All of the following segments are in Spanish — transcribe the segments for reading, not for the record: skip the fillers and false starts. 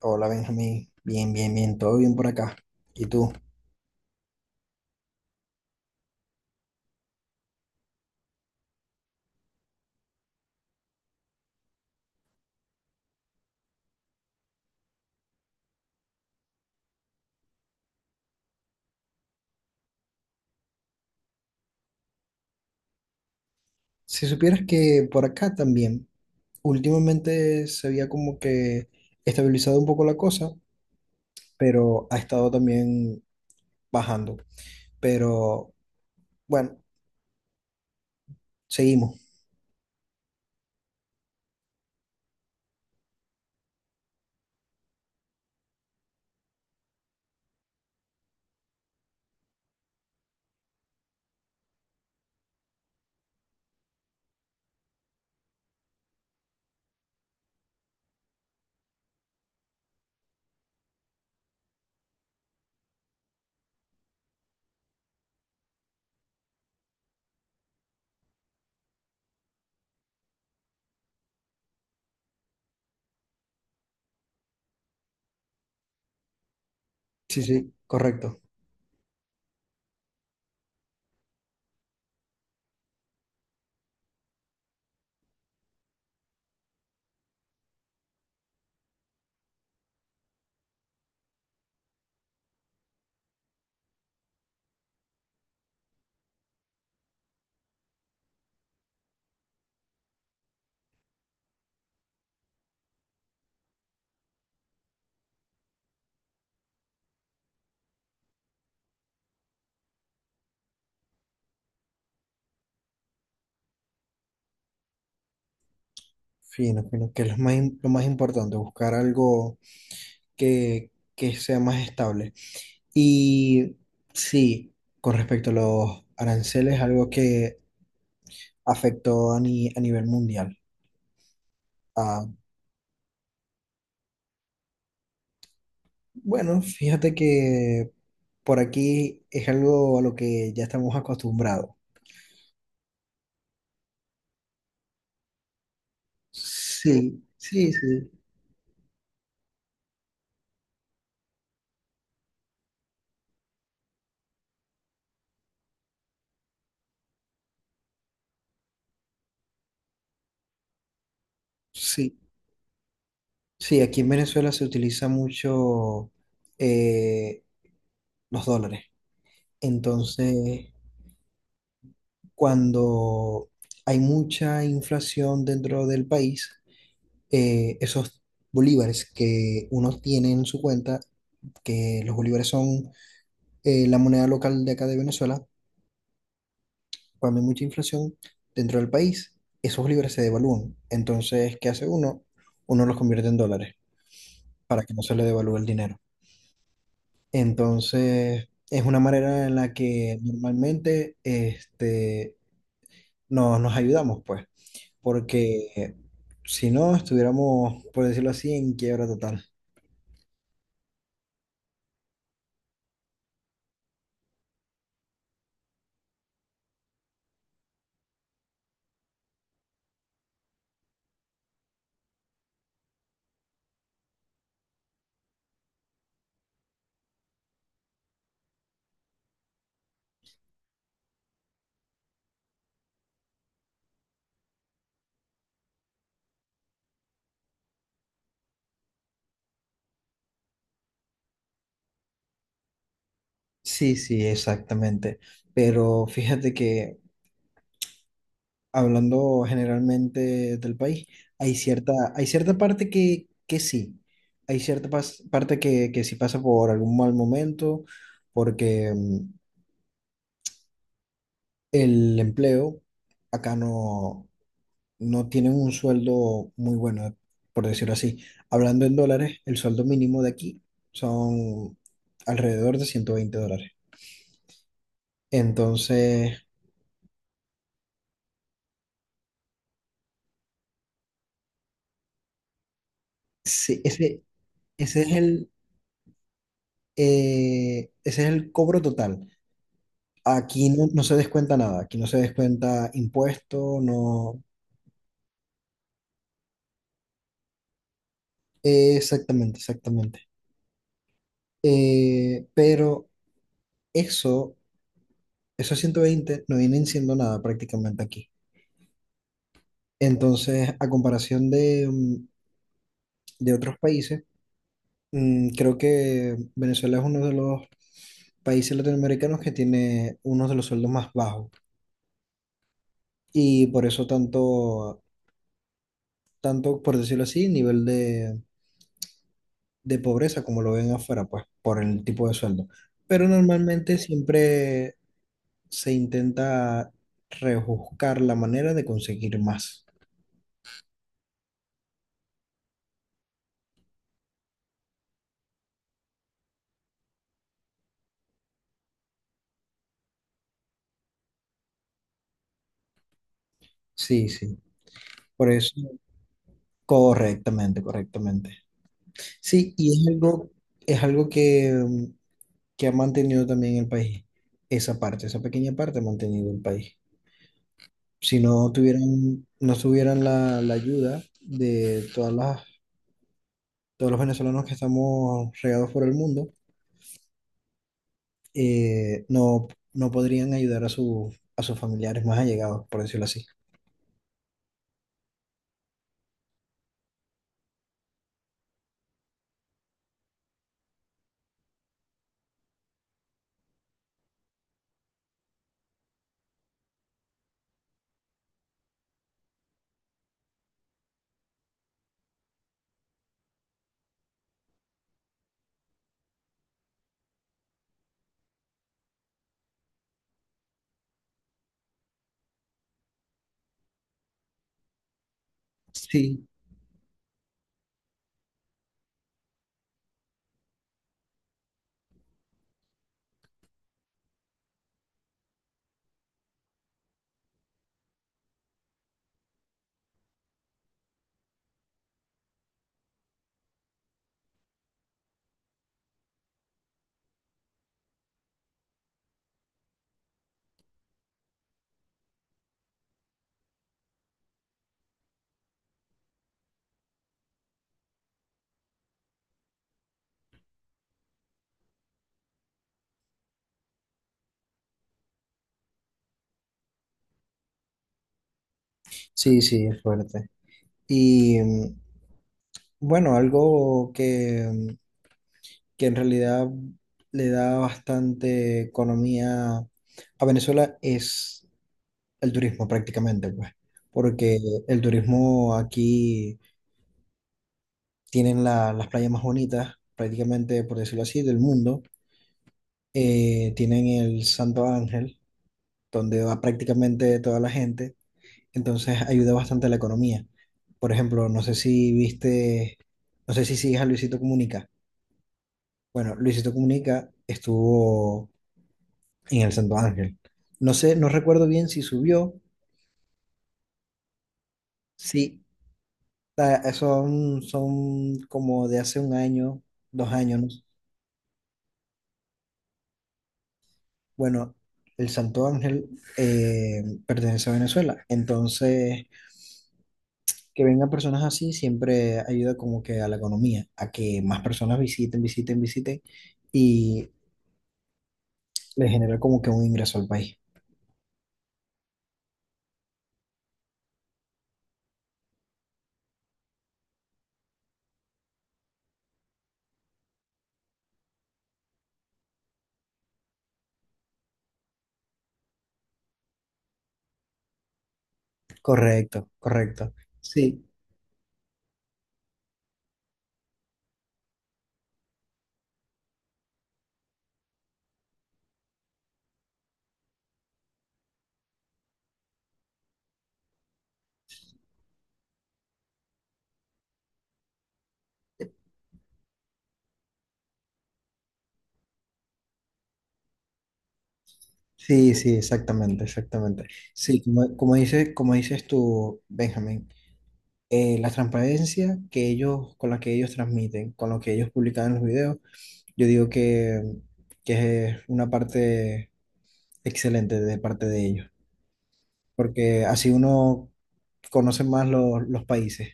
Hola Benjamín, bien, bien, bien, todo bien por acá. ¿Y tú? Si supieras que por acá también, últimamente se había como que estabilizado un poco la cosa, pero ha estado también bajando. Pero bueno, seguimos. Sí, sí, correcto. Fino, fino, que es lo más, lo más importante, buscar algo que, que sea más estable. Y sí, con respecto a los aranceles, algo que afectó a, ni- a nivel mundial. Ah, bueno, fíjate que por aquí es algo a lo que ya estamos acostumbrados. Sí, sí, sí, sí. Sí, aquí en Venezuela se utiliza mucho eh, los dólares. Entonces, cuando hay mucha inflación dentro del país, esos bolívares que uno tiene en su cuenta, que los bolívares son la moneda local de acá de Venezuela, cuando hay mucha inflación dentro del país, esos libras se devalúan. Entonces, ¿qué hace uno? Uno los convierte en dólares para que no se le devalúe el dinero. Entonces, es una manera en la que normalmente nos ayudamos, pues, porque si no, estuviéramos, por decirlo así, en quiebra total. Sí, sí, exactamente. Pero fíjate que hablando generalmente del país, hay cierta parte que sí, hay cierta parte que sí pasa por algún mal momento, porque el empleo acá no, no tienen un sueldo muy bueno, por decirlo así. Hablando en dólares, el sueldo mínimo de aquí son alrededor de 120 dólares. Entonces, sí, ese es ese es el cobro total. Aquí no, no se descuenta nada, aquí no se descuenta impuesto, no. Exactamente, exactamente. Pero eso, esos 120 no vienen siendo nada prácticamente aquí. Entonces, a comparación de otros países, creo que Venezuela es uno de los países latinoamericanos que tiene uno de los sueldos más bajos. Y por eso tanto, por decirlo así, nivel de pobreza como lo ven afuera, pues por el tipo de sueldo. Pero normalmente siempre se intenta rebuscar la manera de conseguir más. Sí, sí, por eso, correctamente, correctamente. Sí, y es algo que ha mantenido también el país, esa parte, esa pequeña parte ha mantenido el país. Si no tuvieran, no tuvieran la ayuda de todos los venezolanos que estamos regados por el mundo, eh, no, no podrían ayudar a sus familiares más allegados, por decirlo así. Sí, sí, sí, es fuerte. Y mm, bueno, algo que en realidad le da bastante economía a Venezuela es el turismo prácticamente, pues, porque el turismo aquí tienen las playas más bonitas, prácticamente, por decirlo así, del mundo. Tienen el Santo Ángel, donde va prácticamente toda la gente. Entonces ayuda bastante a la economía. Por ejemplo, no sé si viste, no sé si sigues a Luisito Comunica. Bueno, Luisito Comunica estuvo en el Santo Ángel. No sé, no recuerdo bien si subió, sí, son, son como de hace 1 año, 2 años. ¿No? Bueno, el Santo Ángel pertenece a Venezuela, entonces que vengan personas así siempre ayuda como que a la economía, a que más personas visiten. Y le genera como que un ingreso al país. Correcto, correcto. Sí, sí, sí, exactamente, exactamente. Sí, como, como dice, como dices tú, Benjamín, la transparencia que ellos, con la que ellos transmiten, con lo que ellos publican en los videos, yo digo que es una parte excelente de parte de ellos, porque así uno conoce más los países.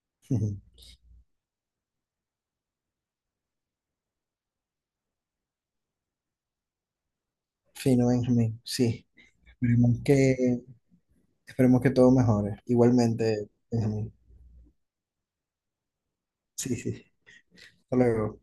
Ujú. Fino, Benjamín, sí. Esperemos que, esperemos que todo mejore. Igualmente, Benjamín. Sí, sí, sí. Hasta luego.